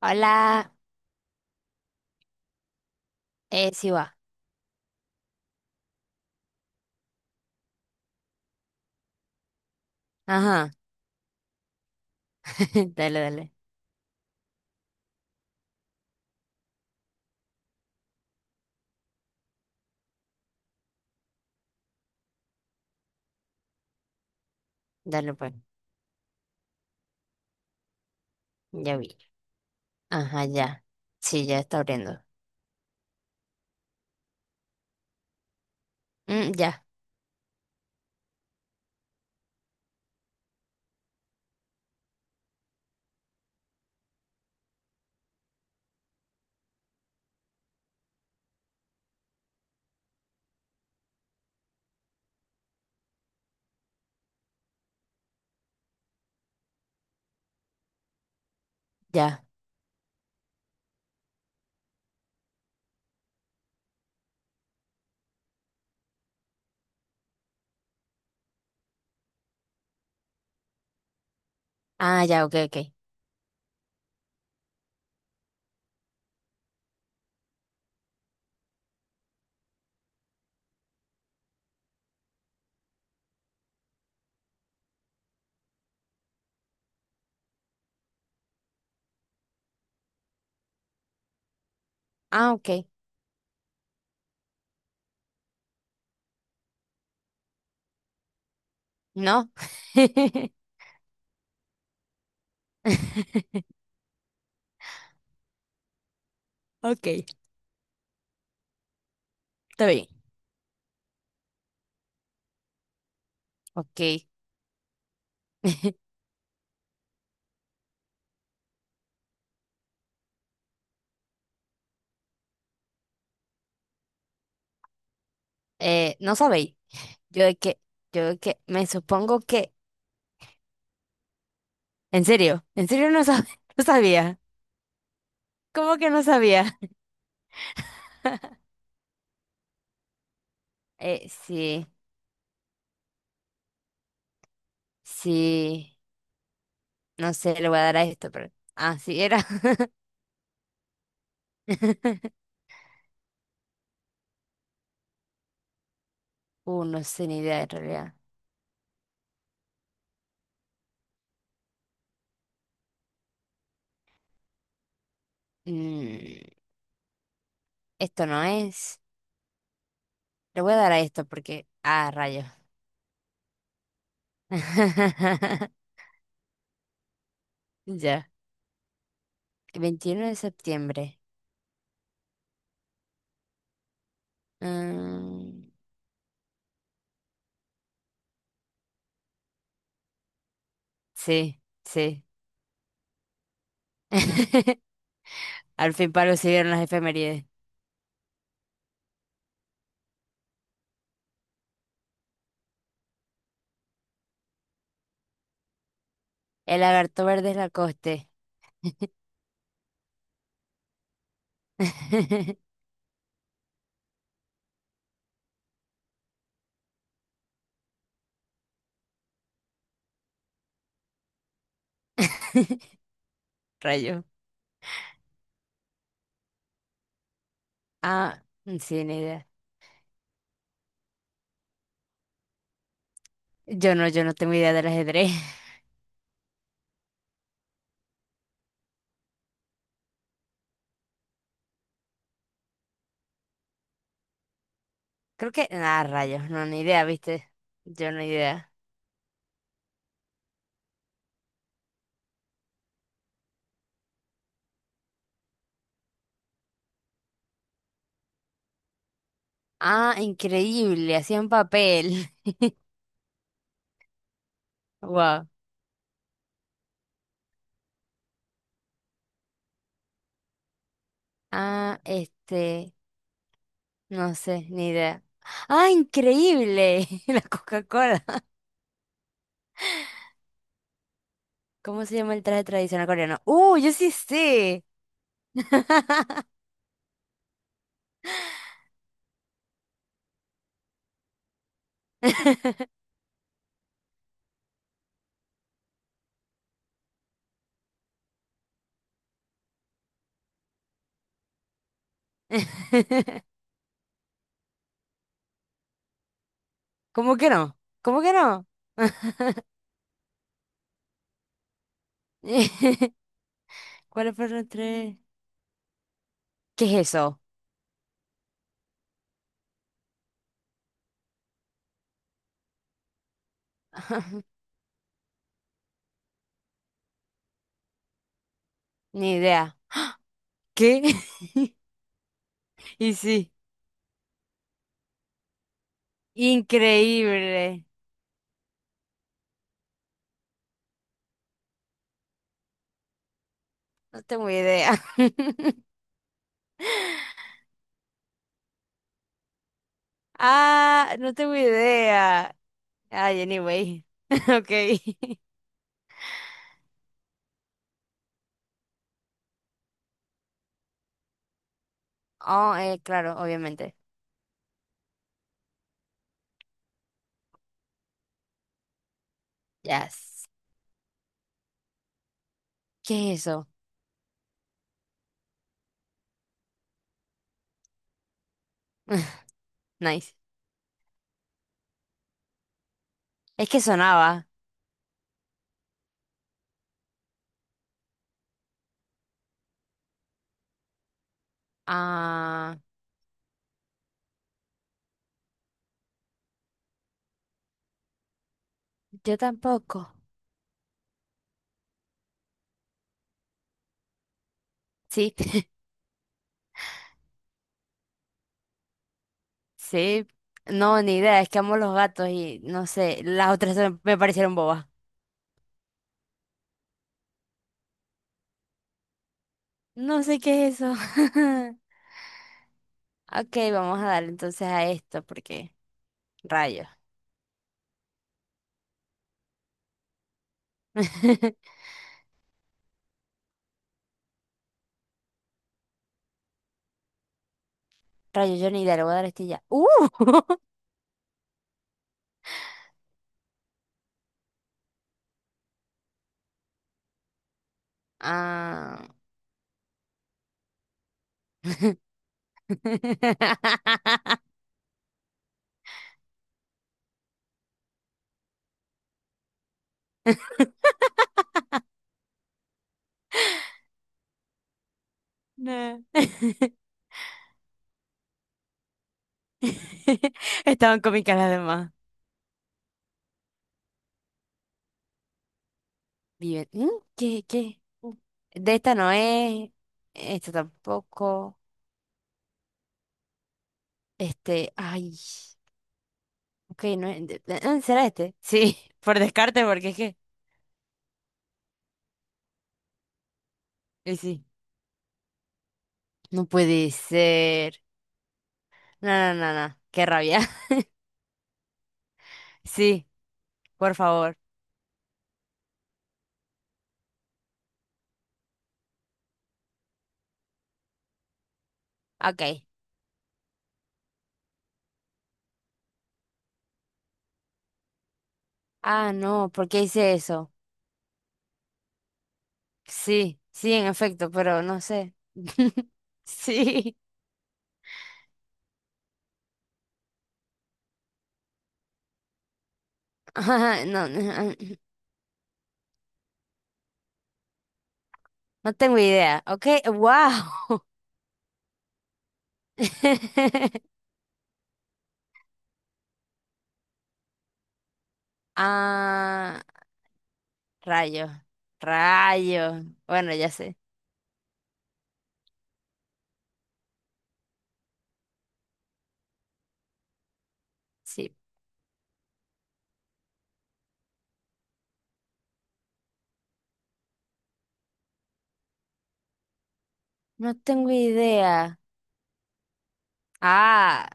Hola, sí va. Ajá, dale, dale, dale, pues, ya vi. Ajá, ya. Sí, ya está abriendo. Mm, ya, ya. Ah, ya, ok, ok. Ah, ok. No. Ok, está bien. Ok. No sabéis. Yo de que, Me supongo que. ¿En serio? ¿En serio no sabía? ¿Cómo que no sabía? Sí, sí. No sé, le voy a dar a esto, pero. Ah, sí, era. No sé ni idea en realidad. Mm, Esto no es. Le voy a dar a esto porque. Ah, rayos. Ya. 21 de septiembre. Mm, sí, sí. Al fin palo se dieron las efemérides. El lagarto verde es la coste. Rayo. Ah, mm, sí, ni idea. Yo no tengo idea del ajedrez. Creo que. Ah, rayos. No, ni idea, ¿viste? Yo no idea. Ah, increíble, hacían papel. Wow. Ah, este, no sé, ni idea. ¡Ah, increíble! La Coca-Cola. ¿Cómo se llama el traje tradicional coreano? ¡Uh, yo sí sé! ¿Cómo que no? ¿Cómo que no? ¿Cuáles fueron los tres? ¿Qué es eso? Ni idea. ¿Qué? Y sí, increíble. No tengo idea. Ah, no tengo idea. Ay, anyway. Ok. Oh, claro, obviamente. Yes. ¿Qué es eso? Nice. Es que sonaba. Ah, yo tampoco. Sí, sí. No, ni idea. Es que amo los gatos y no sé. Las otras me parecieron bobas. No sé qué es eso. Ok, vamos a darle entonces a esto porque rayos. Rayos, yo ni idea. Le voy a dar este y ya. ¡Uh! Ah. No. Estaban cómicas las demás. ¿Mm? ¿Qué, qué? De esta no es, esta tampoco, este, ay, ok, no es, ah, ¿será este? Sí, por descarte, porque es que, y sí, no puede ser, no, no, no, no, qué rabia, sí, por favor, ok, ah, no, ¿por qué hice eso? Sí, sí, en efecto, pero no sé, sí, ah, no, no, ah, no tengo idea, ok, wow. Ah, rayos, rayos. Bueno, ya sé. Sí. No tengo idea. Ah,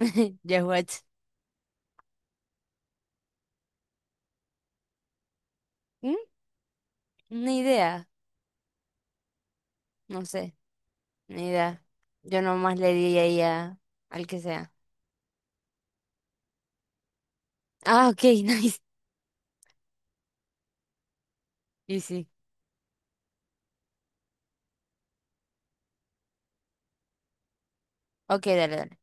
ya watch. ¿Mm? Ni idea. No sé, ni idea. Yo nomás le di ahí a- al que sea. Ah, ok, nice. Y sí. Ok, dale, dale.